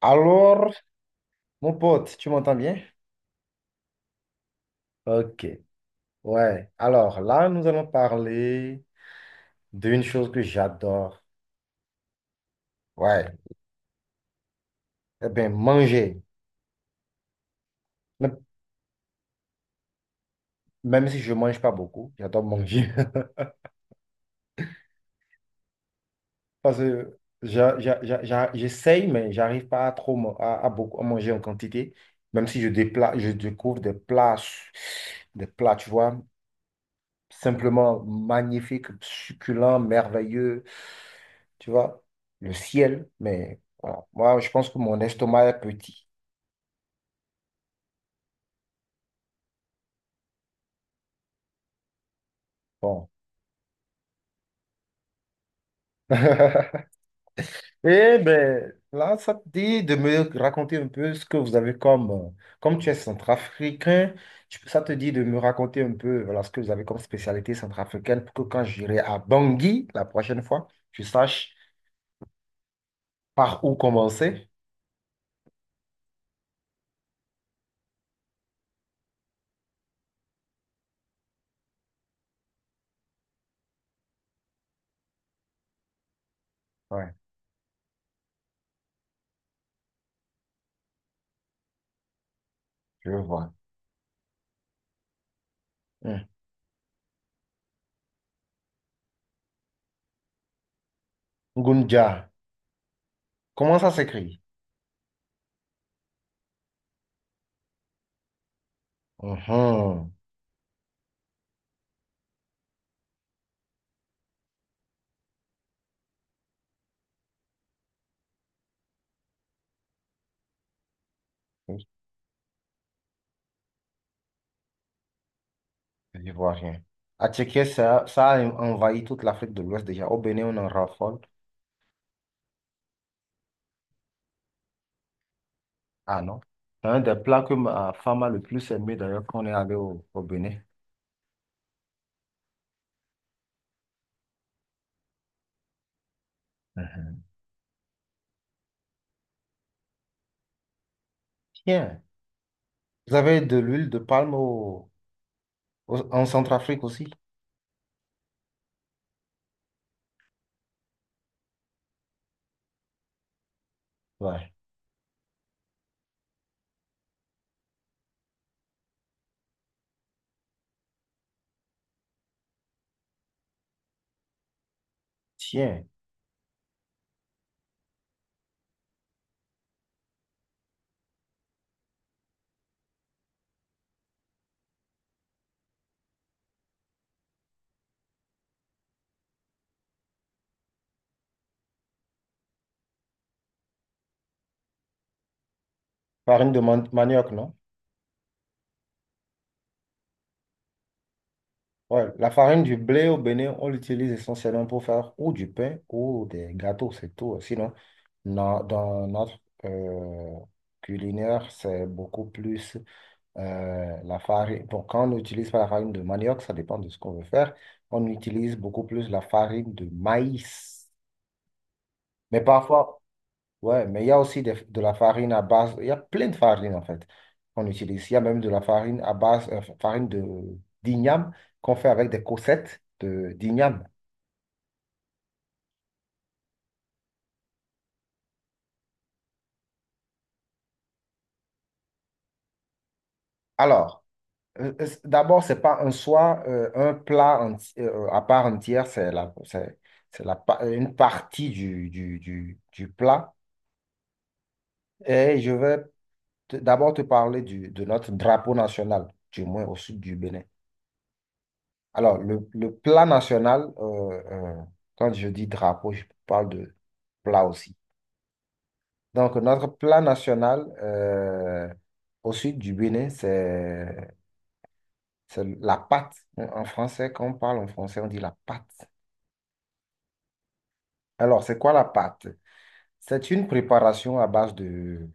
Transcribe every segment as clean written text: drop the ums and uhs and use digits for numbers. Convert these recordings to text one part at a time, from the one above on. Alors, mon pote, tu m'entends bien? Ok, ouais. Alors là, nous allons parler d'une chose que j'adore. Ouais, eh bien, manger. Même même si je ne mange pas beaucoup, j'adore manger. Parce que j'essaye, mais j'arrive pas à trop à beaucoup à manger en quantité. Même si je découvre des plats, tu vois. Simplement magnifique, succulent, merveilleux. Tu vois, le ciel. Mais voilà, moi, je pense que mon estomac est petit. Bon. Eh ben, là, ça te dit de me raconter un peu ce que vous avez comme, comme tu es centrafricain, ça te dit de me raconter un peu, voilà, ce que vous avez comme spécialité centrafricaine pour que quand j'irai à Bangui la prochaine fois, je sache par où commencer. Ouais, je vois. Hmm. Ngunja, comment ça s'écrit? Mhm. Oui, les Ivoiriens. À Tchéquia, ça a envahi toute l'Afrique de l'Ouest déjà. Au Bénin, on en raffole. Ah non. C'est un des plats que ma femme a le plus aimé d'ailleurs quand on est allé au Bénin. Mhm. Tiens, vous avez de l'huile de palme en Centrafrique aussi? Ouais. Tiens, farine de manioc, non? Ouais, la farine du blé au Bénin, on l'utilise essentiellement pour faire ou du pain ou des gâteaux, c'est tout. Sinon, dans notre euh, culinaire, c'est beaucoup plus la farine. Bon, quand on n'utilise pas la farine de manioc, ça dépend de ce qu'on veut faire. On utilise beaucoup plus la farine de maïs. Mais parfois, ouais, mais il y a aussi de la farine à base, il y a plein de farines en fait qu'on utilise. Il y a même de la farine à base, farine de d'igname qu'on fait avec des cossettes de d'igname. Alors, d'abord, c'est pas un soi, un plat à part entière, c'est la, une partie du plat. Et je vais d'abord te parler du, de notre drapeau national, du moins au sud du Bénin. Alors, le plat national, quand je dis drapeau, je parle de plat aussi. Donc, notre plat national au sud du Bénin, c'est la pâte. En français, quand on parle en français, on dit la pâte. Alors, c'est quoi la pâte? C'est une préparation à base de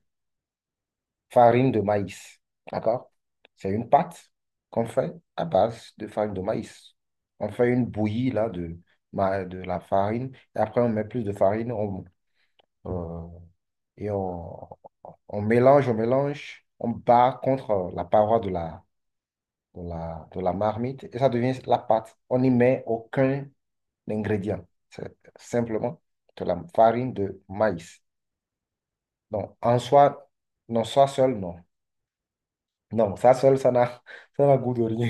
farine de maïs. D'accord? C'est une pâte qu'on fait à base de farine de maïs. On fait une bouillie là, de la farine. Et après, on met plus de farine, euh, et on, on mélange, on mélange, on bat contre la paroi de la marmite et ça devient la pâte. On n'y met aucun ingrédient. C'est simplement de la farine de maïs. Donc, en soi, non, soi seul, non. Non, ça seul, ça n'a, ça n'a goût de rien.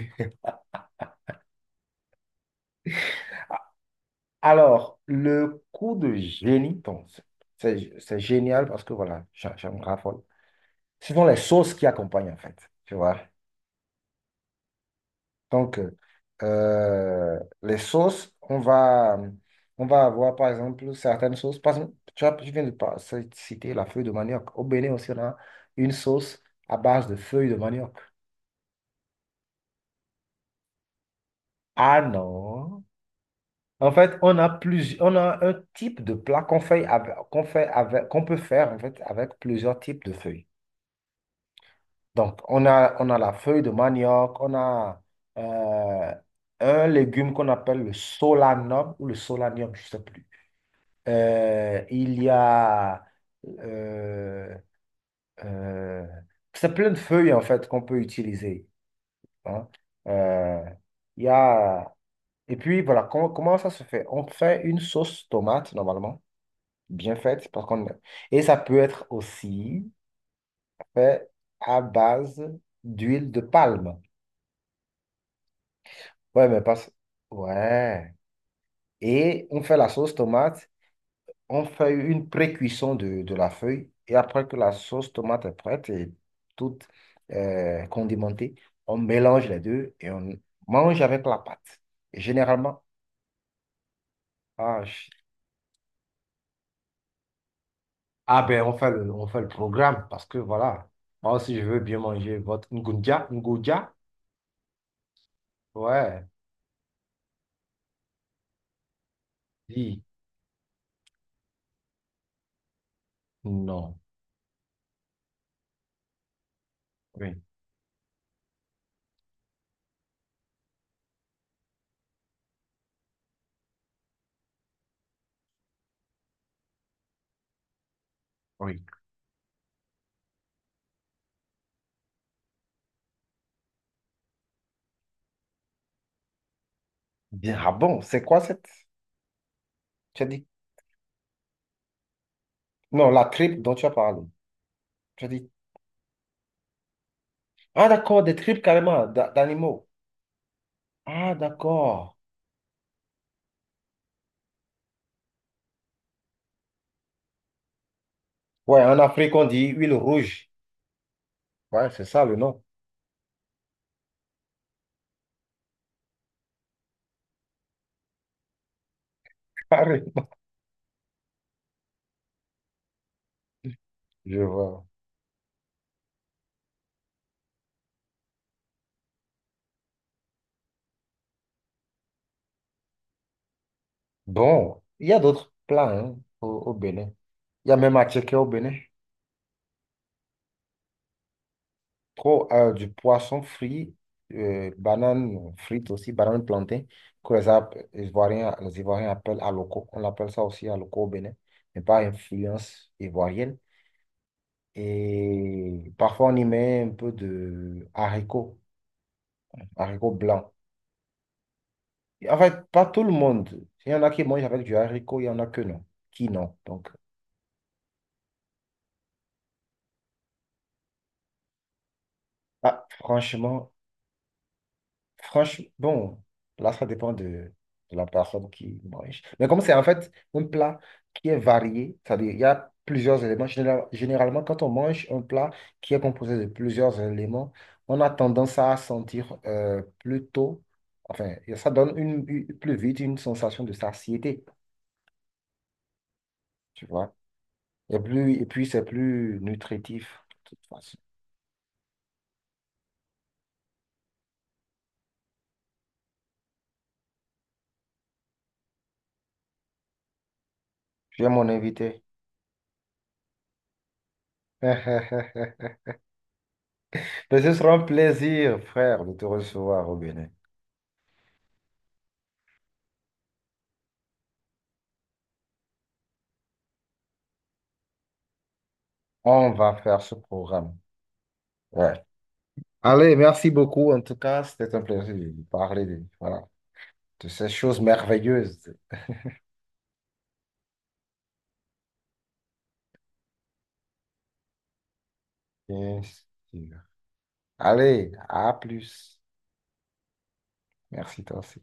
Alors, le coup de génie, bon, c'est génial parce que voilà, j'en raffole. Ce sont les sauces qui accompagnent en fait, tu vois. Donc, les sauces, on va avoir par exemple certaines sauces. Par exemple, tu viens de citer la feuille de manioc. Au Bénin aussi, on a une sauce à base de feuilles de manioc. Ah non. En fait, on a plusieurs, on a un type de plat qu'on peut faire en fait avec plusieurs types de feuilles. Donc, on a la feuille de manioc, on a euh, un légume qu'on appelle le solanum ou le solanium, je ne sais plus. Euh, il y a, euh, euh, c'est plein de feuilles en fait qu'on peut utiliser, hein. Euh, il y a, et puis voilà, comment ça se fait? On fait une sauce tomate normalement, bien faite, et ça peut être aussi fait à base d'huile de palme. Ouais, mais pas, ouais. Et on fait la sauce tomate, on fait une pré-cuisson de la feuille et après que la sauce tomate est prête et toute condimentée, on mélange les deux et on mange avec la pâte. Et généralement, ah, je- ah ben on fait on fait le programme parce que voilà, moi si je veux bien manger votre ngunja, ngunja, ouais, oui, non, oui, oui. Bien, ah bon, c'est quoi cette, tu as dit, non, la tripe dont tu as parlé, tu as dit, ah d'accord, des tripes carrément d'animaux, ah d'accord. Ouais, en Afrique, on dit huile rouge. Ouais, c'est ça le nom. Carrément. Je vois. Bon, il y a d'autres plats hein, au Bénin. Il y a même à checker au Bénin. Trop du poisson frit, banane frite aussi, banane plantain, que les Ivoiriens appellent aloko. On l'appelle ça aussi aloko au Bénin, mais par influence ivoirienne. Et parfois, on y met un peu de haricots, haricots blancs. En fait, pas tout le monde. Il y en a qui mangent avec du haricot, il y en a que non, qui non. Donc, ah, franchement, franchement, bon, là, ça dépend de la personne qui mange. Mais comme c'est en fait un plat qui est varié, c'est-à-dire il y a plusieurs éléments. Généralement, quand on mange un plat qui est composé de plusieurs éléments, on a tendance à sentir plutôt, enfin, ça donne plus vite une sensation de satiété, tu vois. Et puis, c'est plus nutritif, de toute façon. Tu es mon invité. Mais ce sera un plaisir, frère, de te recevoir au Bénin. On va faire ce programme. Ouais. Allez, merci beaucoup. En tout cas, c'était un plaisir de parler de, voilà, de ces choses merveilleuses. Bien sûr. Allez, à plus. Merci, toi aussi.